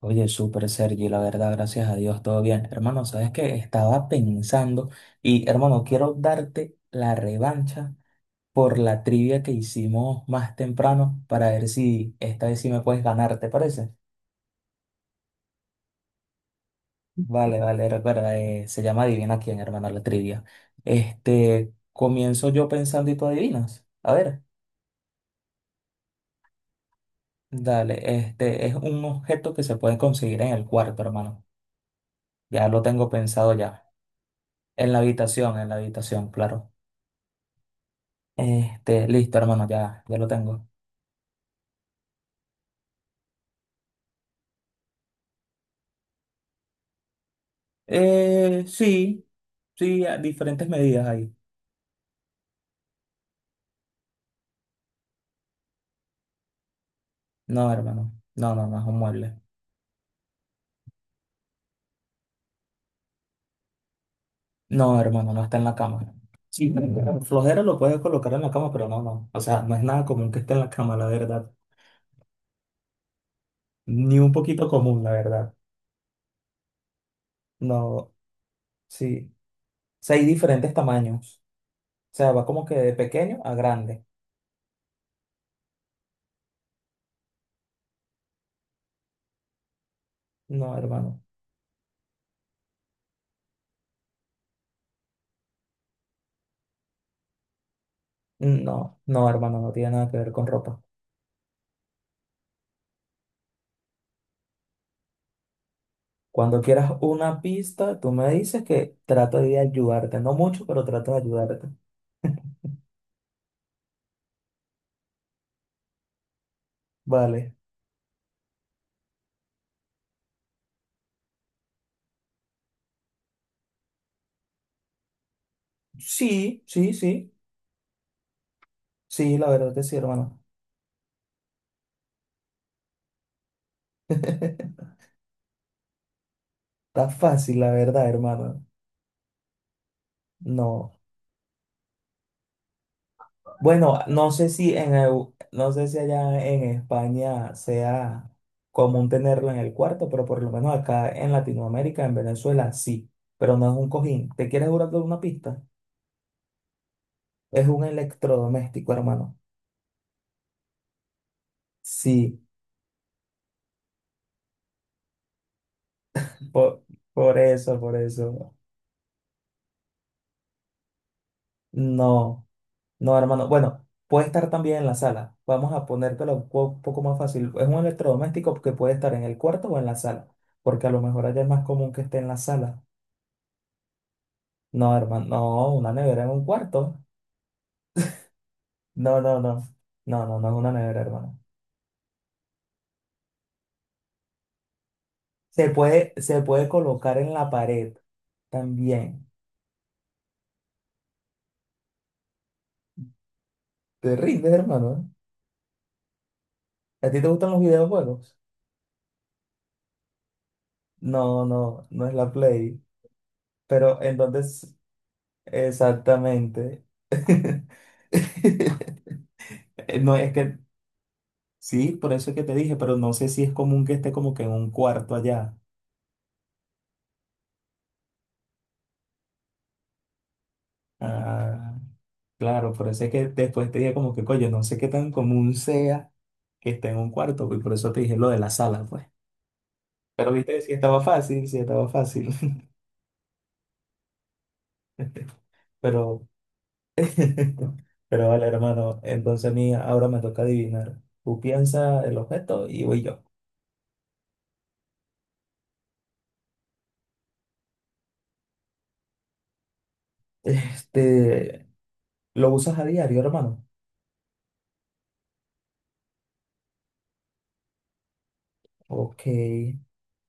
Oye, súper Sergi, la verdad, gracias a Dios, todo bien. Hermano, ¿sabes que estaba pensando y, hermano, quiero darte la revancha por la trivia que hicimos más temprano para ver si esta vez sí me puedes ganar? ¿Te parece? Vale, vale, recuerda, se llama Adivina quién, hermano, la trivia. Comienzo yo pensando y tú adivinas. A ver, dale, este es un objeto que se puede conseguir en el cuarto, hermano. Ya lo tengo pensado ya. En la habitación, claro. Listo, hermano, ya lo tengo. Sí, sí, a diferentes medidas ahí. No, hermano, no, no, no es un mueble. No, hermano, no está en la cama. Sí, pero flojera lo puedes colocar en la cama, pero no, no. O sea, no es nada común que esté en la cama, la verdad. Ni un poquito común, la verdad. No, sí. O sea, hay diferentes tamaños. O sea, va como que de pequeño a grande. No, hermano. No, no, hermano, no tiene nada que ver con ropa. Cuando quieras una pista, tú me dices que trato de ayudarte. No mucho, pero trato de ayudarte. Vale. Sí, sí, sí. Sí, la verdad que sí, hermano. Está fácil, la verdad, hermano. No. Bueno, no sé si allá en España sea común tenerlo en el cuarto, pero por lo menos acá en Latinoamérica, en Venezuela, sí. Pero no es un cojín. ¿Te quieres jurar de una pista? Es un electrodoméstico, hermano. Sí, por, por eso, por eso. No, no, hermano. Bueno, puede estar también en la sala. Vamos a poco más fácil. Es un electrodoméstico que puede estar en el cuarto o en la sala, porque a lo mejor allá es más común que esté en la sala. No, hermano, no, una nevera en un cuarto. No, no, no. No, no, no es una nevera, hermano. Se puede colocar en la pared también. Te rindes, hermano. ¿A ti te gustan los videojuegos? No, no, no es la Play. Pero entonces, exactamente. No, es que sí, por eso es que te dije, pero no sé si es común que esté como que en un cuarto allá. Ah, claro, por eso es que después te dije como que, coño, no sé qué tan común sea que esté en un cuarto, pues, y por eso te dije lo de la sala, pues. Pero viste, sí estaba fácil, sí estaba fácil. Pero, pero vale, hermano, entonces a mí ahora me toca adivinar. Tú piensas el objeto y voy yo. Este, ¿Lo usas a diario, hermano? Ok,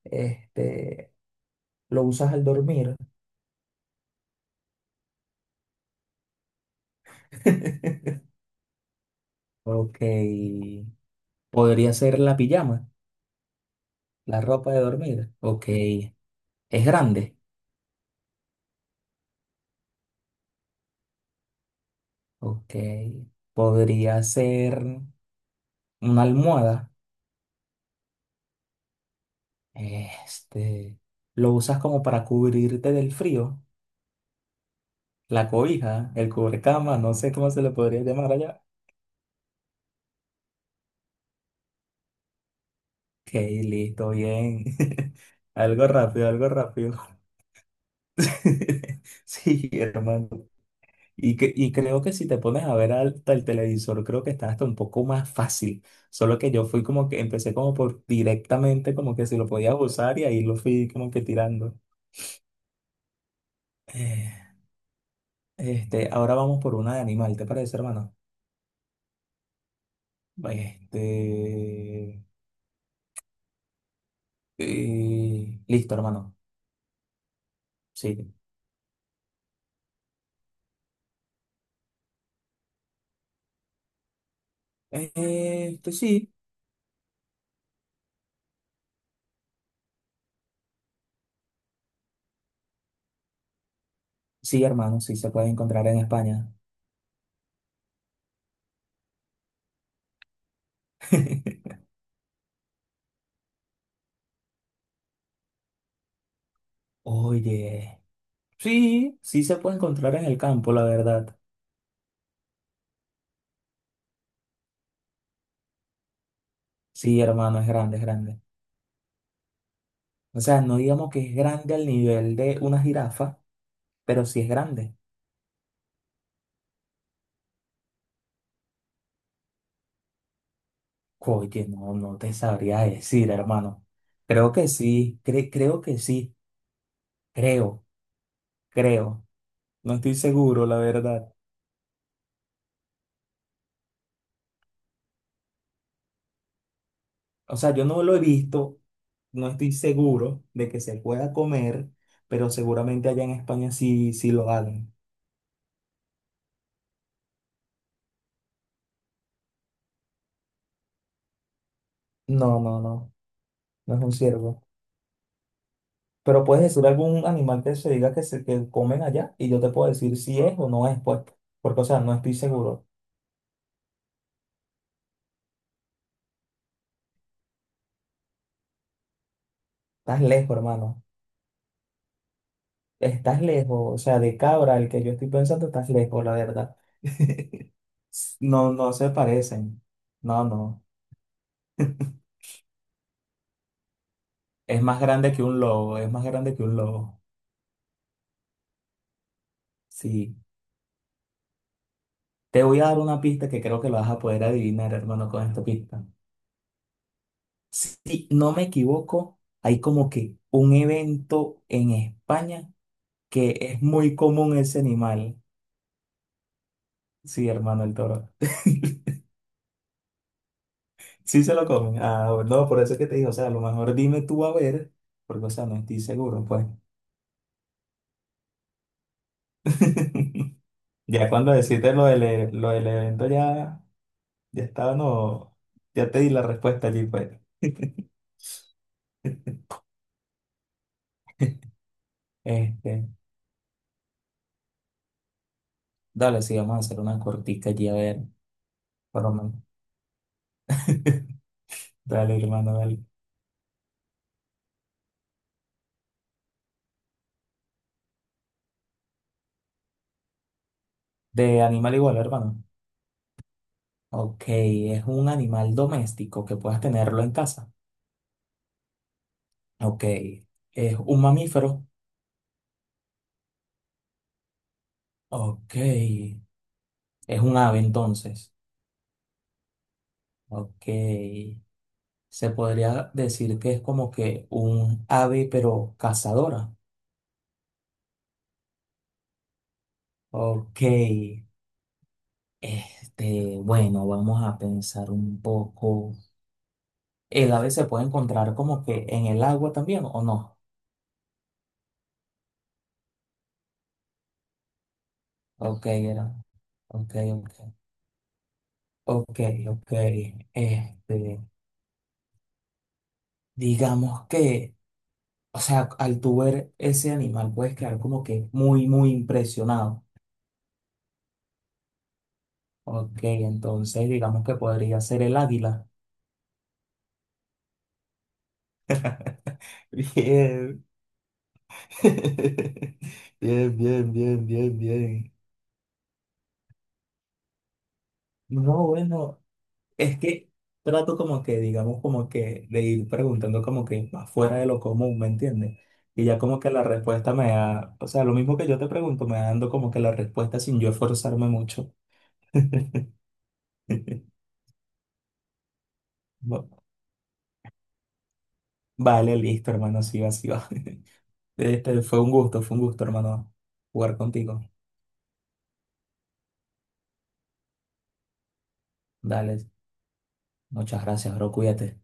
este, ¿lo usas al dormir? Ok. Podría ser la pijama, la ropa de dormir. Ok. Es grande. Ok. Podría ser una almohada. Este. Lo usas como para cubrirte del frío. La cobija, el cubrecama, no sé cómo se le podría llamar allá. Ok, listo, bien. Algo rápido, algo rápido. Sí, hermano. Y, y creo que si te pones a ver hasta el televisor, creo que está hasta un poco más fácil. Solo que yo fui como que empecé como por directamente, como que si lo podías usar y ahí lo fui como que tirando. Eh, ahora vamos por una de animal, ¿te parece, hermano? Este, listo, hermano. Sí. Sí. Sí, hermano, sí se puede encontrar en España. Oye, sí, sí se puede encontrar en el campo, la verdad. Sí, hermano, es grande, es grande. O sea, no digamos que es grande al nivel de una jirafa, pero sí es grande. Oye, no, no te sabría decir, hermano. Creo que sí, creo que sí, creo, creo. No estoy seguro, la verdad. O sea, yo no lo he visto, no estoy seguro de que se pueda comer, pero seguramente allá en España sí, sí lo hagan. No, no, no, no es un ciervo. Pero puedes decir algún animal que se diga que comen allá y yo te puedo decir si es o no es, pues, porque, o sea, no estoy seguro. Estás lejos, hermano. Estás lejos. O sea, de Cabra, el que yo estoy pensando, estás lejos, la verdad. No, no se parecen. No, no. Es más grande que un lobo, es más grande que un lobo. Sí. Te voy a dar una pista que creo que lo vas a poder adivinar, hermano, con esta pista. Si no me equivoco, hay como que un evento en España que es muy común ese animal. Sí, hermano, el toro. Sí se lo comen. Ah, no, por eso es que te digo, o sea, a lo mejor dime tú a ver, porque, o sea, no estoy seguro, pues. Ya cuando deciste lo del evento, ya, ya estaba, no, ya te di la respuesta allí, pues. Este, dale, sí, vamos a hacer una cortica allí, a ver, por lo menos. Dale, hermano, dale. De animal igual, hermano. Ok, es un animal doméstico que puedas tenerlo en casa. Ok, es un mamífero. Ok, es un ave entonces. Ok. Se podría decir que es como que un ave, pero cazadora. Ok. Bueno, vamos a pensar un poco. ¿El ave se puede encontrar como que en el agua también o no? Ok, era. Ok, ok. Ok, ok. Este, digamos que, o sea, al tú ver ese animal puedes quedar como que muy, muy impresionado. Ok, entonces digamos que podría ser el águila. Bien. Bien, bien, bien, bien, bien. No, bueno, es que trato como que, digamos, como que de ir preguntando como que más fuera de lo común, ¿me entiendes? Y ya como que la respuesta me da, o sea, lo mismo que yo te pregunto, me dando como que la respuesta sin yo esforzarme mucho. Va- Vale, listo, hermano, así va, así va. Fue un gusto, hermano, jugar contigo. Dale, muchas gracias, bro, cuídate.